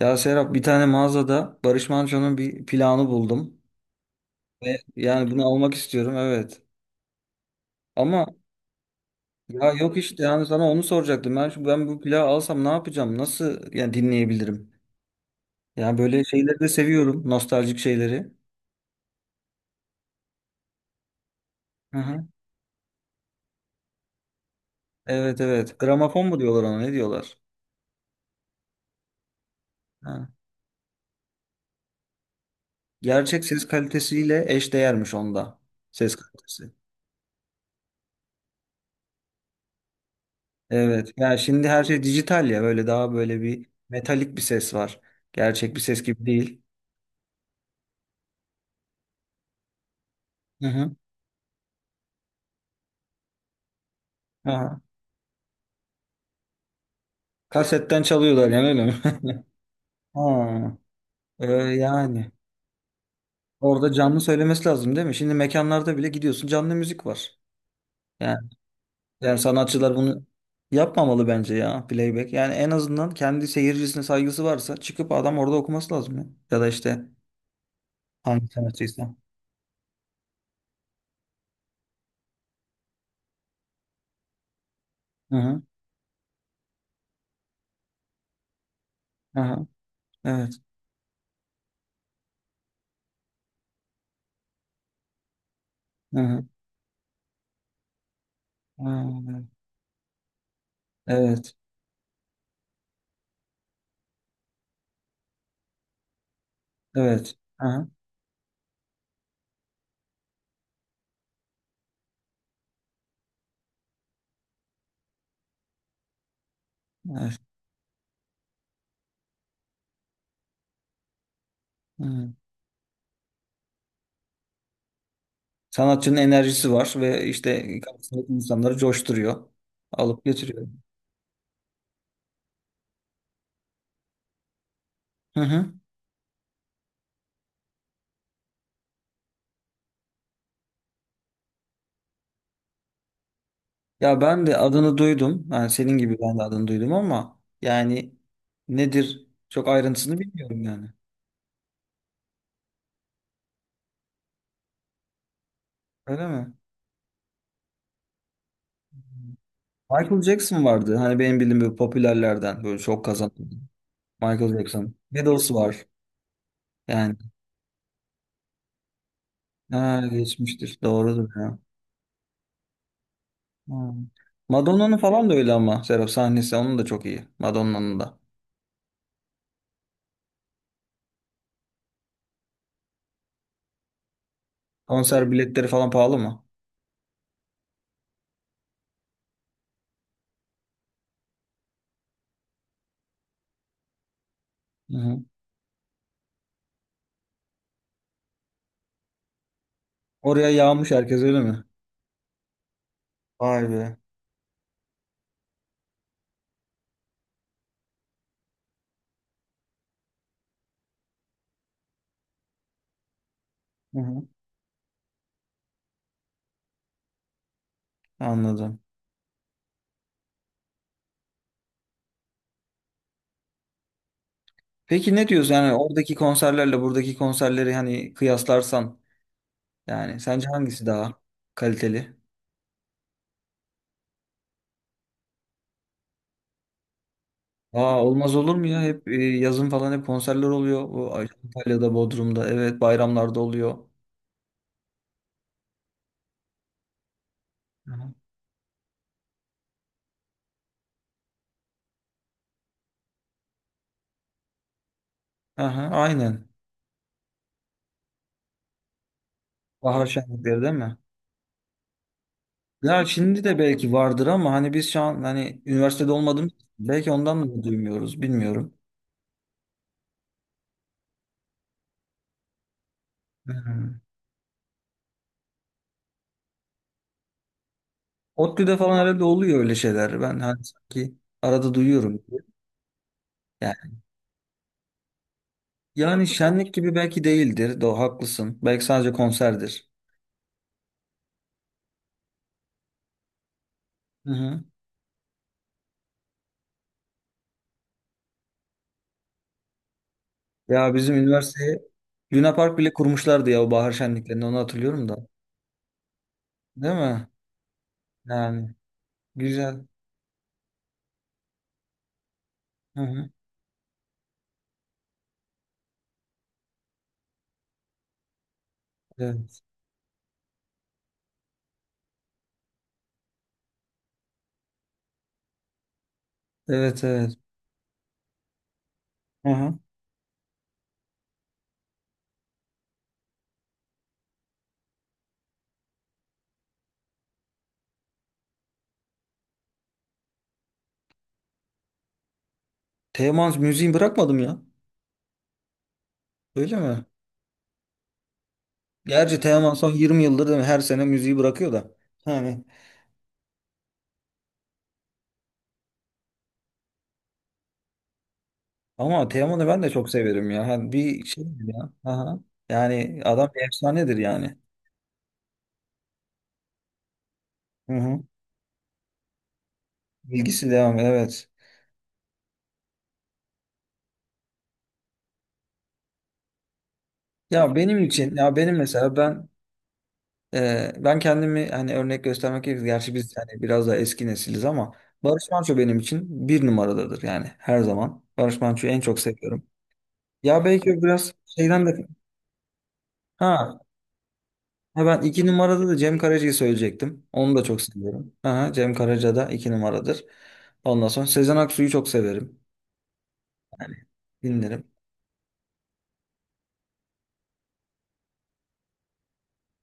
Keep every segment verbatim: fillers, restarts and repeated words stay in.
Ya Serap, bir tane mağazada Barış Manço'nun bir planı buldum. Ve yani bunu almak istiyorum, evet. Ama ya yok işte, yani sana onu soracaktım. Ben şu, ben bu plağı alsam ne yapacağım? Nasıl yani, dinleyebilirim? Yani böyle şeyleri de seviyorum. Nostaljik şeyleri. Hı hı. Evet, evet. Gramofon mu diyorlar ona, ne diyorlar? Ha. Gerçek ses kalitesiyle eşdeğermiş onda. Ses kalitesi. Evet. Yani şimdi her şey dijital ya, böyle daha böyle bir metalik bir ses var. Gerçek bir ses gibi değil. Hı hı. Aha. Kasetten çalıyorlar yani, öyle mi? Ha, e, yani orada canlı söylemesi lazım değil mi? Şimdi mekanlarda bile gidiyorsun, canlı müzik var. Yani, Yani sanatçılar bunu yapmamalı bence ya, playback. Yani en azından kendi seyircisine saygısı varsa çıkıp adam orada okuması lazım ya. Ya da işte hangi sanatçıysa. Hı hı. Aha, evet. Hı hı. Ha, evet. Evet. Aha, evet. Hı. Sanatçının enerjisi var ve işte karşısındaki insanları coşturuyor. Alıp götürüyor. Hı hı. Ya ben de adını duydum. Yani senin gibi ben de adını duydum, ama yani nedir, çok ayrıntısını bilmiyorum yani. Öyle mi? Michael Jackson vardı. Hani benim bildiğim böyle popülerlerden böyle çok kazanan Michael Jackson. Beatles var. Yani ha, geçmiştir. Doğrudur ya. Ha. Madonna'nın falan da öyle ama Serap, sahnesi onun da çok iyi. Madonna'nın da. Konser biletleri falan pahalı mı? Hı hı. Oraya yağmış herkes, öyle mi? Vay be. Hı hı. Anladım. Peki ne diyorsun, yani oradaki konserlerle buradaki konserleri hani kıyaslarsan, yani sence hangisi daha kaliteli? Aa, olmaz olur mu ya? Hep e, yazın falan hep konserler oluyor. Bu Antalya'da, Bodrum'da, evet, bayramlarda oluyor. Aha. Aha, aynen. Bahar şenlikleri değil mi? Ya şimdi de belki vardır ama hani biz şu an hani üniversitede olmadığımız için belki ondan mı duymuyoruz, bilmiyorum. Hmm. ODTÜ'de falan herhalde oluyor öyle şeyler. Ben hani sanki arada duyuyorum. Yani şenlik gibi belki değildir. Doğru, haklısın. Belki sadece konserdir. Hı hı. Ya bizim üniversiteye Luna Park bile kurmuşlardı ya, o bahar şenliklerini onu hatırlıyorum da. Değil mi? Yani güzel. Hı hı. Evet. Evet, evet. Hı hı. Teoman müziği bırakmadım ya. Öyle mi? Gerçi Teoman son yirmi yıldır değil mi? Her sene müziği bırakıyor da. Yani ama Teoman'ı ben de çok severim ya. Hani bir şey ya. Aha. Yani adam bir efsanedir yani. Hı hı. Bilgisi devam. Evet. Ya benim için ya benim mesela ben e, ben kendimi hani örnek göstermek gerekirse, gerçi biz hani biraz daha eski nesiliz ama Barış Manço benim için bir numaradadır yani, her zaman. Barış Manço'yu en çok seviyorum. Ya belki o biraz şeyden de ha, ha, ben iki numarada da Cem Karaca'yı söyleyecektim. Onu da çok seviyorum. Aha, Cem Karaca da iki numaradır. Ondan sonra Sezen Aksu'yu çok severim. Yani dinlerim.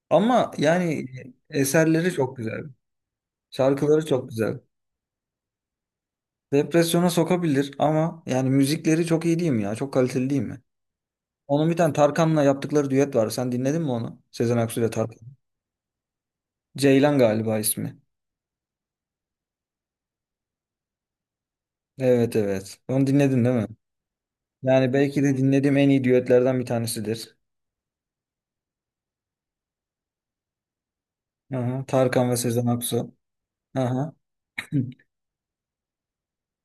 Ama yani eserleri çok güzel. Şarkıları çok güzel. Depresyona sokabilir ama yani müzikleri çok iyi değil mi ya? Çok kaliteli değil mi? Onun bir tane Tarkan'la yaptıkları düet var. Sen dinledin mi onu? Sezen Aksu ile Tarkan. Ceylan galiba ismi. Evet, evet. Onu dinledin değil mi? Yani belki de dinlediğim en iyi düetlerden bir tanesidir. Aha, Tarkan ve Sezen Aksu. Aha.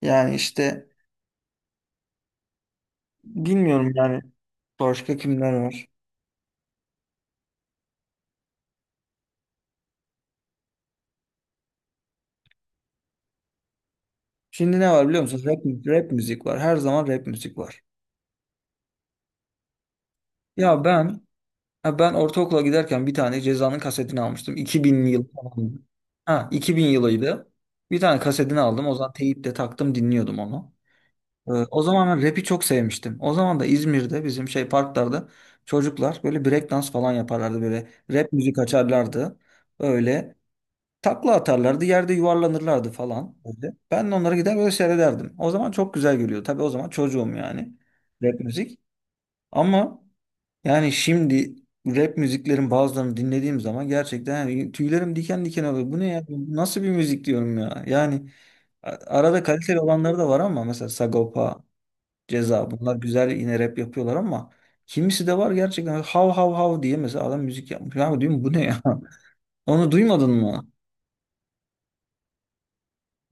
Yani işte bilmiyorum yani başka kimler var. Şimdi ne var biliyor musun? Rap, rap müzik var. Her zaman rap müzik var. Ya ben Ha, ben ortaokula giderken bir tane Ceza'nın kasetini almıştım. iki binli yıl falandı. Ha, iki bin yılıydı. Bir tane kasetini aldım. O zaman teyip de taktım, dinliyordum onu. Ee, o zaman ben rap'i çok sevmiştim. O zaman da İzmir'de bizim şey parklarda çocuklar böyle breakdance falan yaparlardı. Böyle rap müzik açarlardı. Öyle takla atarlardı. Yerde yuvarlanırlardı falan. Öyle. Ben de onlara gider böyle seyrederdim. O zaman çok güzel geliyor. Tabii, o zaman çocuğum yani. Rap müzik. Ama yani şimdi rap müziklerin bazılarını dinlediğim zaman gerçekten yani tüylerim diken diken oluyor. Bu ne ya? Bu nasıl bir müzik diyorum ya? Yani a- arada kaliteli olanları da var ama mesela Sagopa, Ceza bunlar güzel yine rap yapıyorlar ama kimisi de var gerçekten hav hav hav diye mesela adam müzik yapmış. Ya diyorum bu ne ya? Onu duymadın mı?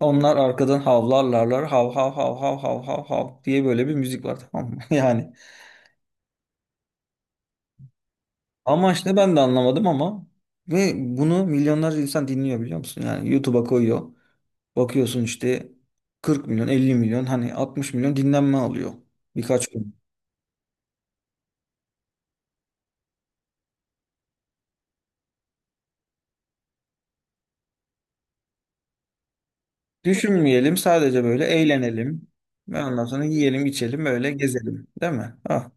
Onlar arkadan havlarlarlar, hav hav hav hav hav hav hav diye, böyle bir müzik var tamam mı? Yani amaç ne, ben de anlamadım, ama ve bunu milyonlarca insan dinliyor biliyor musun? Yani YouTube'a koyuyor. Bakıyorsun işte kırk milyon, elli milyon, hani altmış milyon dinlenme alıyor birkaç gün. Düşünmeyelim, sadece böyle eğlenelim. Ve ondan sonra yiyelim, içelim, böyle gezelim. Değil mi? Ha.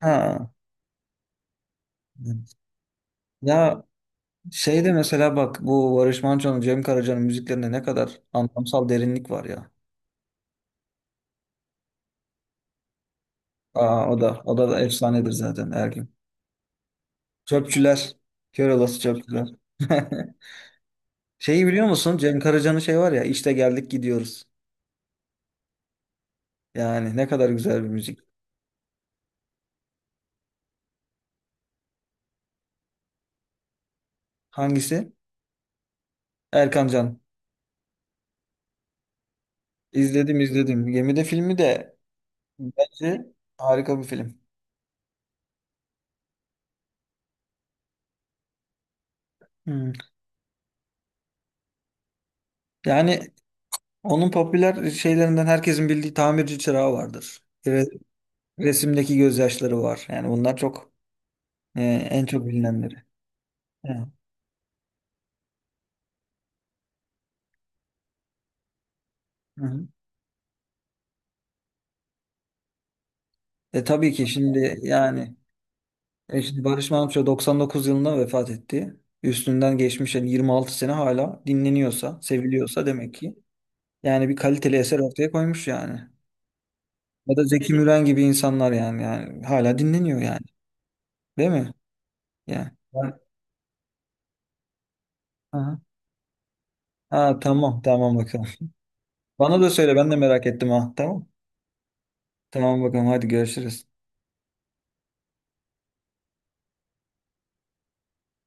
Ha. Ya şeyde mesela bak, bu Barış Manço'nun, Cem Karaca'nın müziklerinde ne kadar anlamsal derinlik var ya. Aa, o da, o da, da efsanedir zaten Ergün. Çöpçüler. Kör olası çöpçüler. Şeyi biliyor musun? Cem Karaca'nın şey var ya, işte geldik gidiyoruz. Yani ne kadar güzel bir müzik. Hangisi? Erkan Can. İzledim, izledim. Gemide filmi de bence harika bir film. Hmm. Yani onun popüler şeylerinden herkesin bildiği tamirci çırağı vardır. Re- resimdeki gözyaşları var. Yani bunlar çok e, en çok bilinenleri. Evet. Hı hı. E tabii ki şimdi yani, e işte Barış Manço doksan dokuz yılında vefat etti. Üstünden geçmiş yani yirmi altı sene, hala dinleniyorsa, seviliyorsa demek ki yani bir kaliteli eser ortaya koymuş yani. Ya da Zeki Müren gibi insanlar yani, yani hala dinleniyor yani. Değil mi? Yani. Ben- Aha. Ha, tamam, tamam, bakalım. Bana da söyle, ben de merak ettim ha. Tamam. Tamam bakalım, hadi görüşürüz.